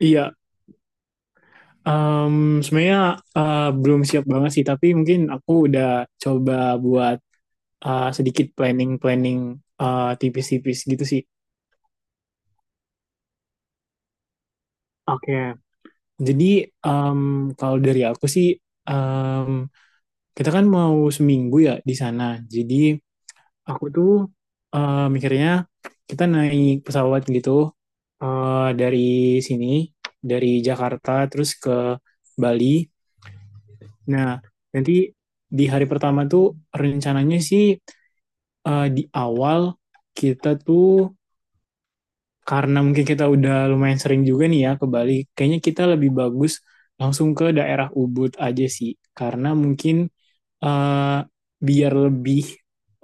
Iya, em, sebenarnya belum siap banget sih, tapi mungkin aku udah coba buat sedikit planning-planning tipis-tipis gitu sih. Oke. Jadi em, kalau dari aku sih, em, kita kan mau seminggu ya di sana. Jadi aku tuh mikirnya kita naik pesawat gitu dari sini, dari Jakarta terus ke Bali. Nah, nanti di hari pertama tuh rencananya sih di awal kita tuh karena mungkin kita udah lumayan sering juga nih ya ke Bali, kayaknya kita lebih bagus langsung ke daerah Ubud aja sih, karena mungkin eh, biar lebih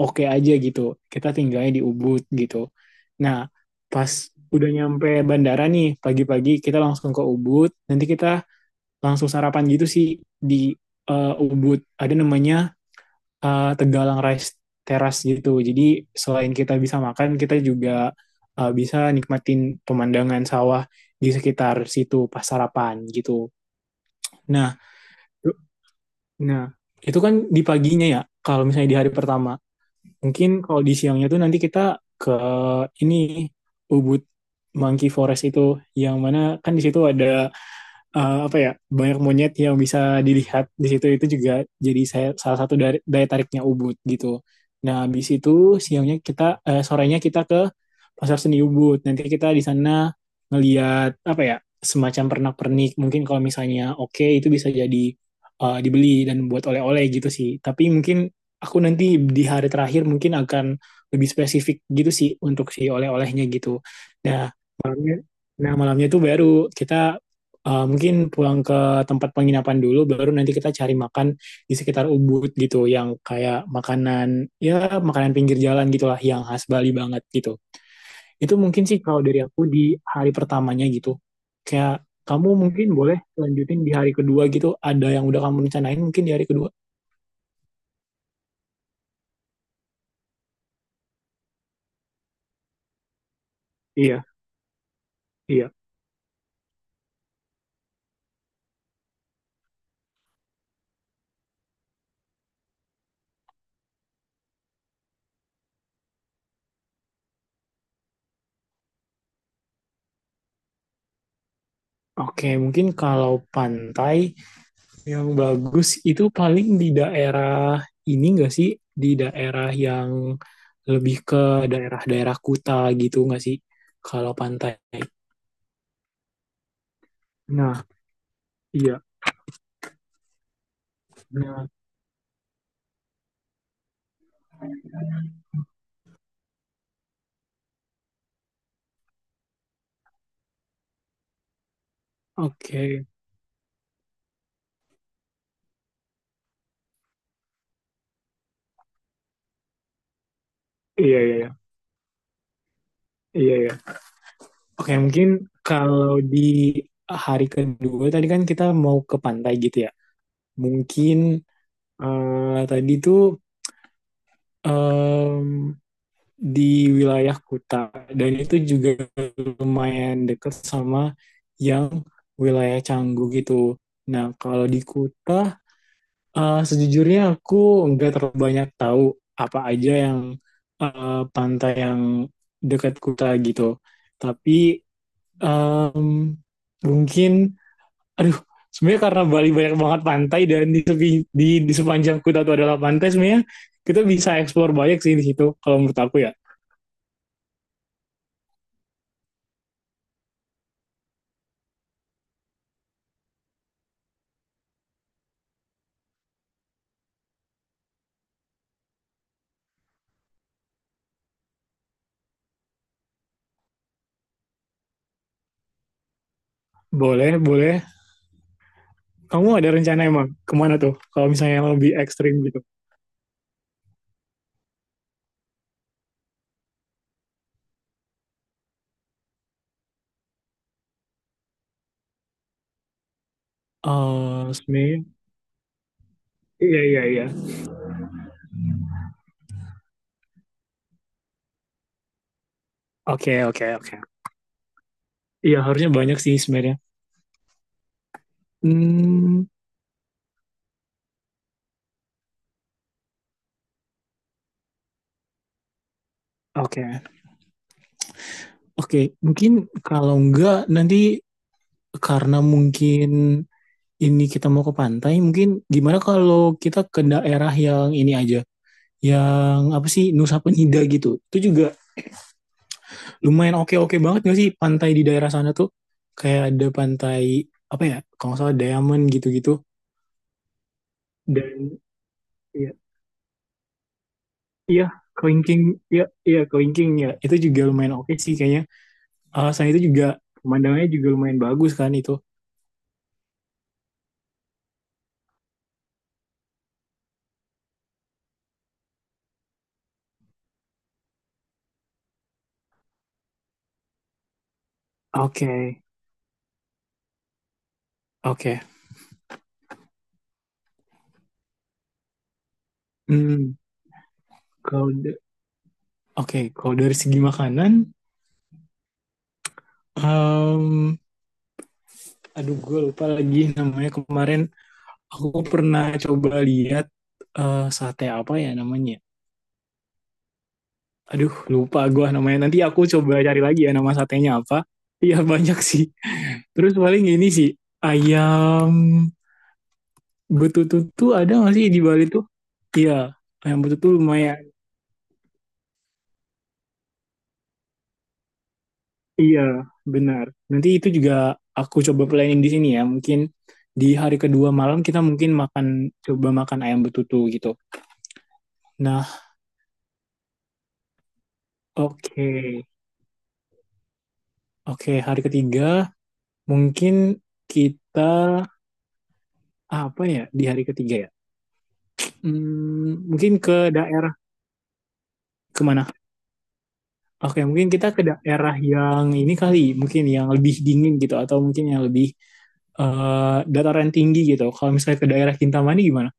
oke aja gitu. Kita tinggalnya di Ubud gitu. Nah, pas udah nyampe bandara nih pagi-pagi kita langsung ke Ubud, nanti kita langsung sarapan gitu sih di Ubud. Ada namanya Tegalang Rice Terrace gitu. Jadi selain kita bisa makan, kita juga bisa nikmatin pemandangan sawah di sekitar situ pas sarapan gitu. Nah, nah, itu kan di paginya ya. Kalau misalnya di hari pertama, mungkin kalau di siangnya tuh nanti kita ke ini Ubud Monkey Forest itu, yang mana kan di situ ada apa ya banyak monyet yang bisa dilihat di situ itu juga jadi saya salah satu dari daya tariknya Ubud gitu. Nah, habis itu siangnya kita sorenya kita ke Pasar Seni Ubud. Nanti kita di sana ngeliat apa ya semacam pernak-pernik. Mungkin kalau misalnya oke itu bisa jadi dibeli dan buat oleh-oleh gitu sih. Tapi mungkin aku nanti di hari terakhir mungkin akan lebih spesifik gitu sih untuk si oleh-olehnya gitu. Nah, iya. Nah, malamnya itu baru kita mungkin pulang ke tempat penginapan dulu, baru nanti kita cari makan di sekitar Ubud gitu, yang kayak makanan, ya makanan pinggir jalan gitulah, yang khas Bali banget gitu. Itu mungkin sih kalau dari aku di hari pertamanya gitu. Kayak kamu mungkin boleh lanjutin di hari kedua gitu, ada yang udah kamu rencanain mungkin di hari kedua. Iya, iya. Oke, mungkin kalau pantai, yang bagus itu paling di daerah ini nggak sih? Di daerah yang lebih ke daerah-daerah Kuta gitu nggak sih? Kalau pantai. Nah, iya. Nah, oke. Iya, iya, iya. Iya, iya. Oke, mungkin kalau di hari kedua tadi kan kita mau ke pantai gitu ya. Mungkin tadi tuh di wilayah Kuta dan itu juga lumayan dekat sama yang wilayah Canggu gitu. Nah, kalau di Kuta sejujurnya aku nggak terlalu banyak tahu apa aja yang pantai yang dekat Kuta gitu. Tapi em, mungkin aduh sebenarnya karena Bali banyak banget pantai dan di di sepanjang Kuta itu adalah pantai sebenarnya kita bisa eksplor banyak sih di situ kalau menurut aku ya. Boleh, boleh. Kamu ada rencana emang kemana tuh? Kalau misalnya yang lebih ekstrim gitu. Oh, sebenarnya. Iya, iya, iya. Oke, oke, oke. Iya, harusnya banyak sih sebenarnya. Hmm, oke. Oke, mungkin kalau enggak nanti karena mungkin ini kita mau ke pantai, mungkin gimana kalau kita ke daerah yang ini aja, yang apa sih Nusa Penida gitu. Itu juga lumayan oke-oke banget gak sih pantai di daerah sana tuh? Kayak ada pantai apa ya? Kalau nggak salah Diamond gitu-gitu. Dan iya, iya, kelingking, iya, iya, kelingking ya. Itu juga lumayan oke sih kayaknya. Ah, itu juga pemandangannya juga lumayan bagus kan itu. Oke, oke. Hmm, kalau da- oke, kalau dari segi makanan, em, aduh gue lupa lagi namanya kemarin. Aku pernah coba lihat sate apa ya namanya. Aduh, lupa gue namanya. Nanti aku coba cari lagi ya nama satenya apa. Iya banyak sih. Terus paling ini sih ayam Betutu tuh ada nggak sih di Bali tuh? Iya, ayam betutu lumayan. Iya, benar. Nanti itu juga aku coba planning di sini ya. Mungkin di hari kedua malam kita mungkin makan coba makan ayam betutu gitu. Nah, oke. Oke, hari ketiga mungkin kita apa ya di hari ketiga ya? Hmm, mungkin ke daerah kemana? Oke, mungkin kita ke daerah yang ini kali, mungkin yang lebih dingin gitu atau mungkin yang lebih dataran tinggi gitu. Kalau misalnya ke daerah Kintamani gimana?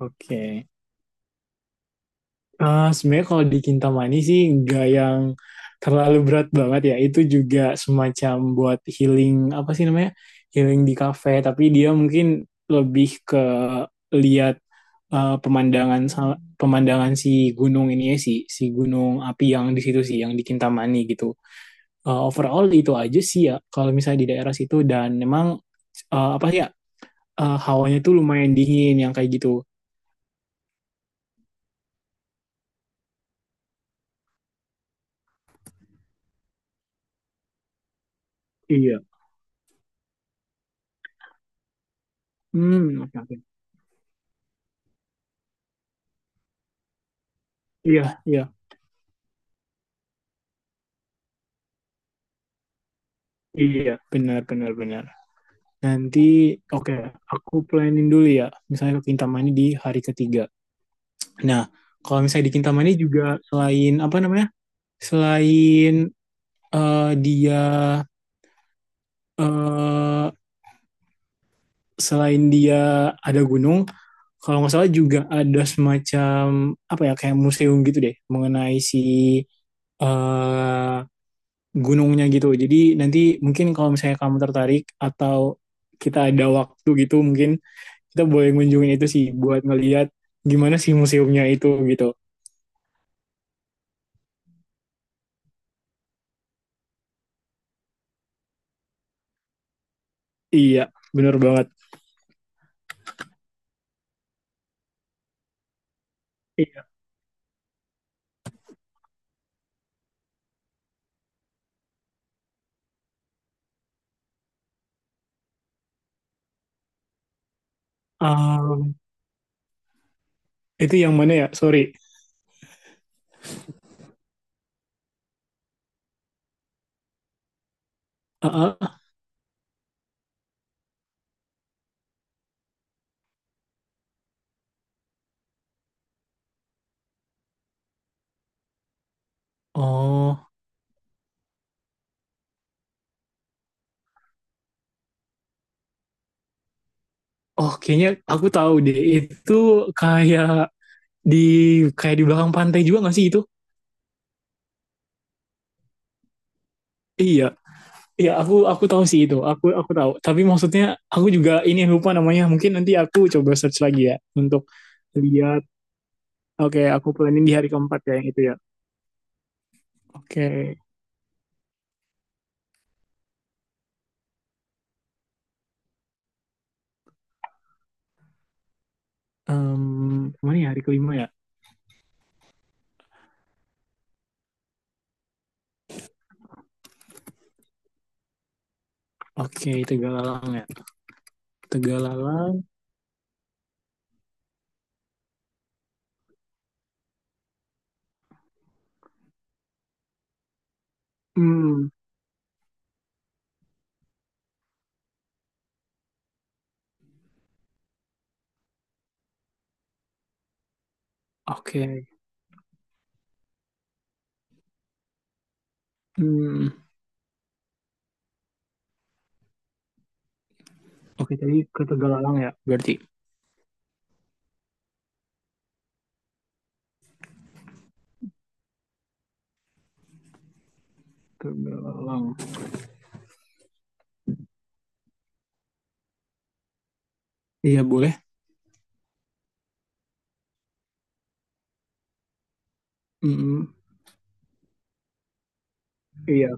Oke. Sebenarnya kalau di Kintamani sih nggak yang terlalu berat banget ya. Itu juga semacam buat healing apa sih namanya? Healing di kafe, tapi dia mungkin lebih ke lihat eh, pemandangan sa- pemandangan si gunung ini ya sih, si gunung api yang di situ sih, yang di Kintamani gitu. Overall itu aja sih ya kalau misalnya di daerah situ dan memang apa sih ya hawanya tuh lumayan dingin yang kayak gitu. Iya. Hmm, oke oke. Iya, iya. Iya, benar benar benar. Nanti oke, aku planning dulu ya. Misalnya ke Kintamani di hari ketiga. Nah, kalau misalnya di Kintamani juga selain apa namanya? Selain eh, dia eh selain dia ada gunung, kalau nggak salah juga ada semacam apa ya kayak museum gitu deh mengenai si eh gunungnya gitu. Jadi nanti mungkin kalau misalnya kamu tertarik atau kita ada waktu gitu mungkin kita boleh ngunjungin itu sih buat ngelihat gimana sih museumnya itu gitu. Iya, bener banget. Iya. Um, itu yang mana ya? Sorry. Ah, ah, ah. Oh, oh, kayaknya aku tahu deh. Itu kayak di belakang pantai juga nggak sih itu? Iya. Iya, aku tahu sih itu. Aku tahu. Tapi maksudnya aku juga ini lupa namanya. Mungkin nanti aku coba search lagi ya untuk lihat. Oke, aku planning di hari keempat ya yang itu ya. Oke, em, kemana ya hari kelima ya? Oke, Tegalalang ya. Tegalalang. Hmm, oke. Hmm, oke tadi ke Tegalalang ya. Berarti Tegalalang. Iya boleh. Hmm, iya.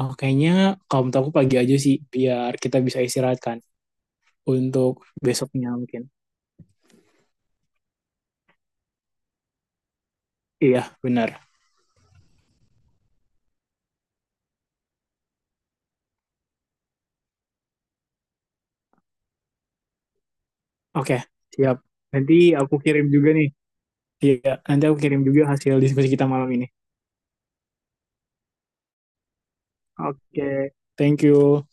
Oh, kayaknya kalau menurut aku pagi aja sih, biar kita bisa istirahat kan untuk besoknya mungkin. Iya, benar. Oke, siap. Nanti aku kirim juga nih. Iya, nanti aku kirim juga hasil diskusi kita malam ini. Oke, thank you.